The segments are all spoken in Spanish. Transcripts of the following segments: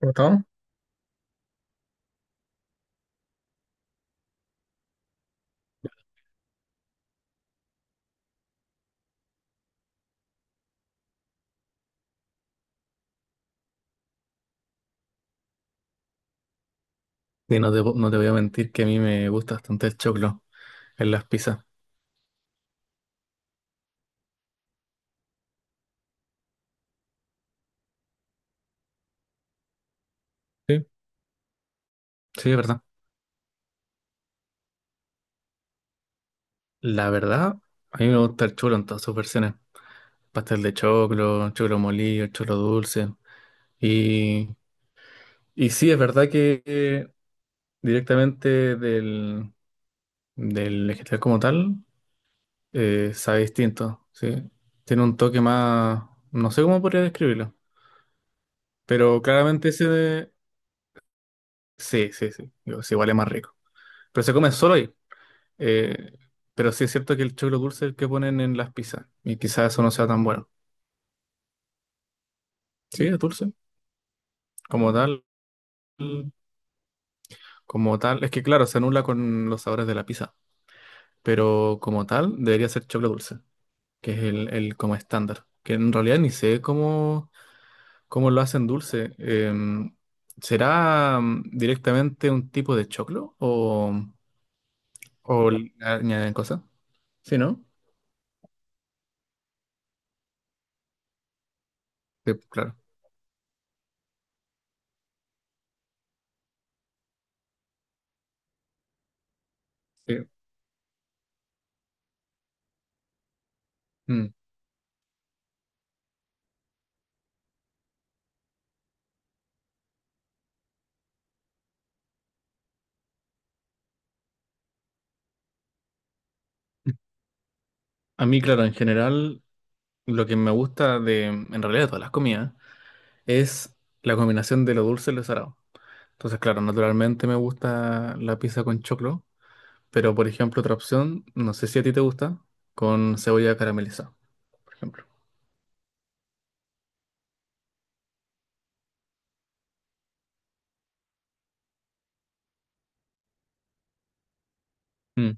¿Gustavo? Y no te, po- no te voy a mentir que a mí me gusta bastante el choclo en las pizzas. Sí, sí, es verdad. La verdad, a mí me gusta el choclo en todas sus versiones. Pastel de choclo, choclo molido, choclo dulce. Y, y sí, es verdad que directamente del vegetal como tal, sabe distinto, ¿sí? Tiene un toque más, no sé cómo podría describirlo, pero claramente ese de- Sí, sí, sí, digo, sí, igual es más rico. Pero se come solo ahí. Eh, pero sí es cierto que el choclo dulce es el que ponen en las pizzas. Y quizás eso no sea tan bueno. Sí, es dulce. Como tal, como tal. Es que claro, se anula con los sabores de la pizza. Pero como tal, debería ser choclo dulce, que es el como estándar. Que en realidad ni sé cómo, cómo lo hacen dulce. Em, ¿será directamente un tipo de choclo? O le añaden cosas? Sí, ¿no? Sí, claro. Sí. Mm. A mí, claro, en general. Lo que me gusta de, en realidad, de todas las comidas, es la combinación de lo dulce y lo salado. Entonces, claro, naturalmente me gusta la pizza con choclo, pero por ejemplo, otra opción, no sé si a ti te gusta, con cebolla caramelizada, por ejemplo. Mm.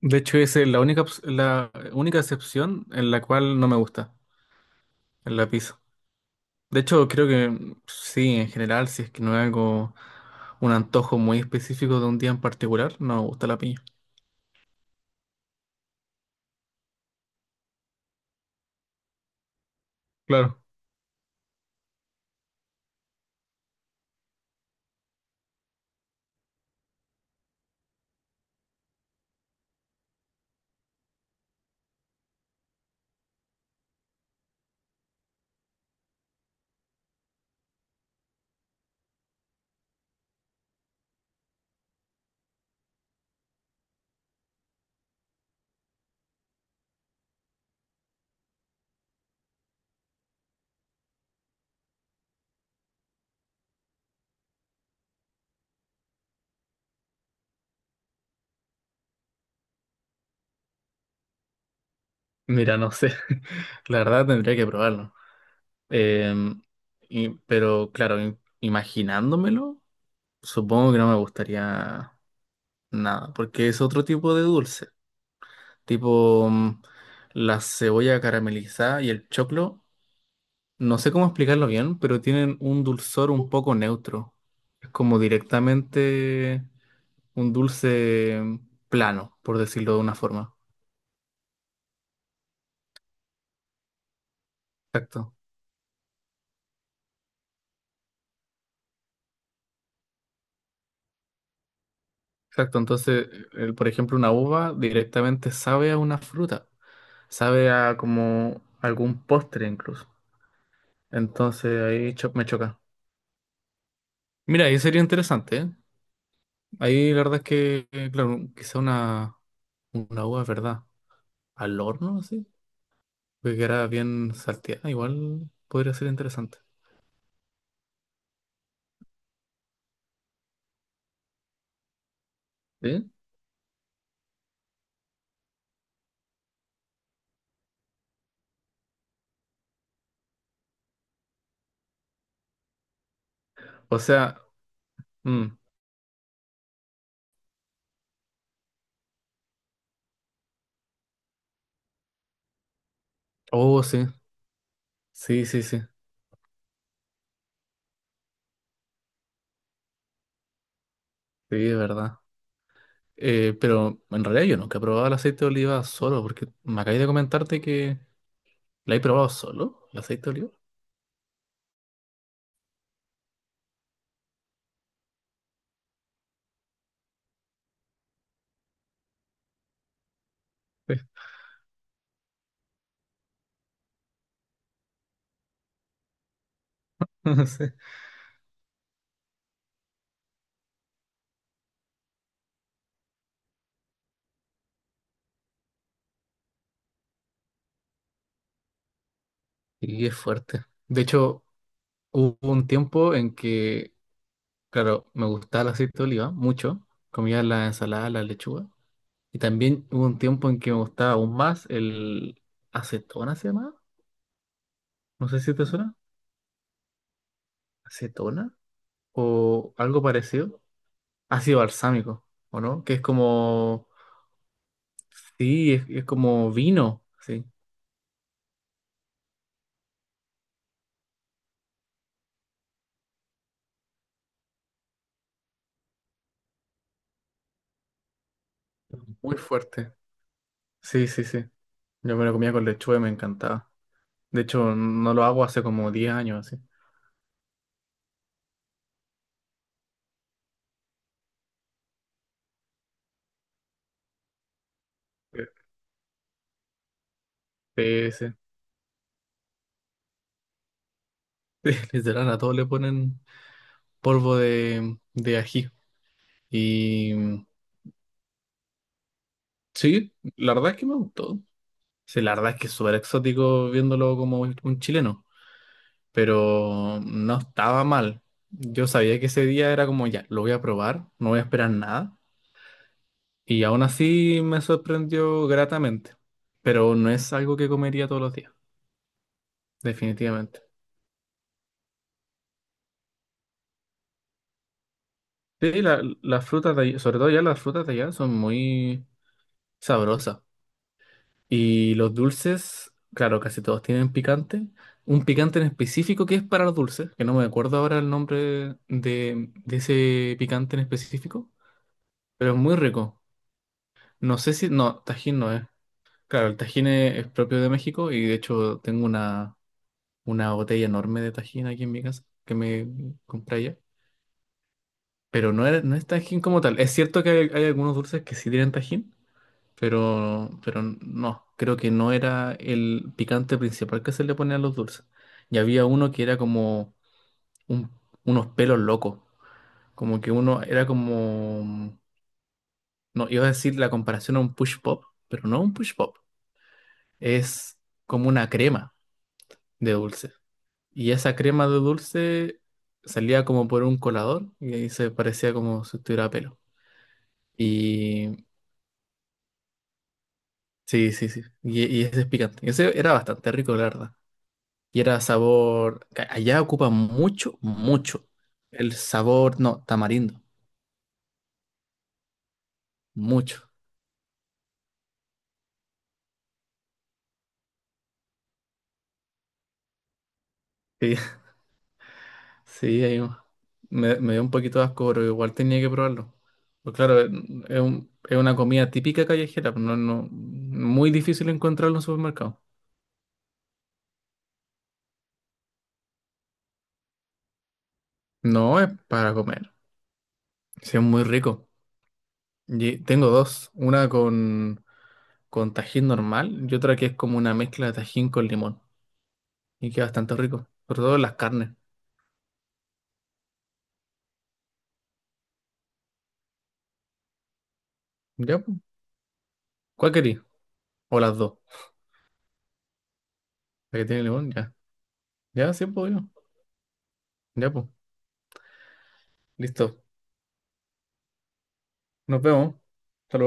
De hecho, esa es la única, ops- la única excepción en la cual no me gusta, en la pizza. De hecho, creo que sí, en general, si es que no es algo, un antojo muy específico de un día en particular, no me gusta la piña. Claro. Mira, no sé. La verdad tendría que probarlo. Em, y- pero claro, im- imaginándomelo, supongo que no me gustaría nada, porque es otro tipo de dulce, tipo la cebolla caramelizada y el choclo, no sé cómo explicarlo bien, pero tienen un dulzor un poco neutro. Es como directamente un dulce plano, por decirlo de una forma. Exacto, exacto. Entonces, el- por ejemplo, una uva directamente sabe a una fruta. Sabe a como algún postre incluso. Entonces ahí cho- me choca. Mira, ahí sería interesante, ¿eh? Ahí la verdad es que, claro, quizá una uva, ¿verdad? Al horno, así. Que quedara bien salteada, igual podría ser interesante. ¿Sí? O sea, mm, oh, sí. Sí, sí, sí. Sí, es verdad. Pero en realidad yo nunca he probado el aceite de oliva solo, porque me acabé de comentarte que la he probado solo, el aceite de oliva. Sí. Y es fuerte. De hecho, hubo un tiempo en que, claro, me gustaba el aceite de oliva mucho. Comía la ensalada, la lechuga. Y también hubo un tiempo en que me gustaba aún más el acetona, ¿se llama? No sé si te suena. ¿Acetona? O algo parecido. Ácido balsámico, ¿o no? Que es como... Sí, es como vino. Sí, muy fuerte. Sí, sí, sí. Yo me lo comía con lechuga y me encantaba. De hecho, no lo hago hace como 10 años, así. Sí, sí. Literal, a todos le ponen polvo de ají. Y sí, la verdad es que me gustó. Sí, la verdad es que es súper exótico viéndolo como un chileno, pero no estaba mal. Yo sabía que ese día era como ya, lo voy a probar, no voy a esperar nada. Y aún así me sorprendió gratamente, pero no es algo que comería todos los días, definitivamente. Sí, la- las frutas de allá, sobre todo ya las frutas de allá son muy sabrosas. Y los dulces, claro, casi todos tienen picante. Un picante en específico que es para los dulces, que no me acuerdo ahora el nombre de ese picante en específico, pero es muy rico. No sé si... No, Tajín no es. Claro, el Tajín es propio de México y de hecho tengo una botella enorme de Tajín aquí en mi casa que me compré allá. Pero no, era- no es Tajín como tal. Es cierto que hay algunos dulces que sí tienen Tajín, pero no, creo que no era el picante principal que se le ponía a los dulces. Y había uno que era como un- unos pelos locos, como que uno era como, no, iba a decir la comparación a un push pop, pero no un push pop, es como una crema de dulce. Y esa crema de dulce salía como por un colador y ahí se parecía como si tuviera pelo. Y y ese es picante. Ese era bastante rico, la verdad. Y era sabor, ca- allá ocupa mucho, mucho. El sabor, no, tamarindo, mucho. Sí, sí, ahí me, me dio un poquito de asco, pero igual tenía que probarlo. Pues claro, es un- es una comida típica callejera, pues no, no, muy difícil encontrarlo en un supermercado. No es para comer, sí, es muy rico. Y tengo dos, una con tajín normal y otra que es como una mezcla de tajín con limón. Y queda bastante rico, sobre todo en las carnes. ¿Ya? Pues. ¿Cuál querí? O las dos. La que tiene limón, ya. Ya, sí, pues, bueno. Ya, pues. Listo. Nos vemos.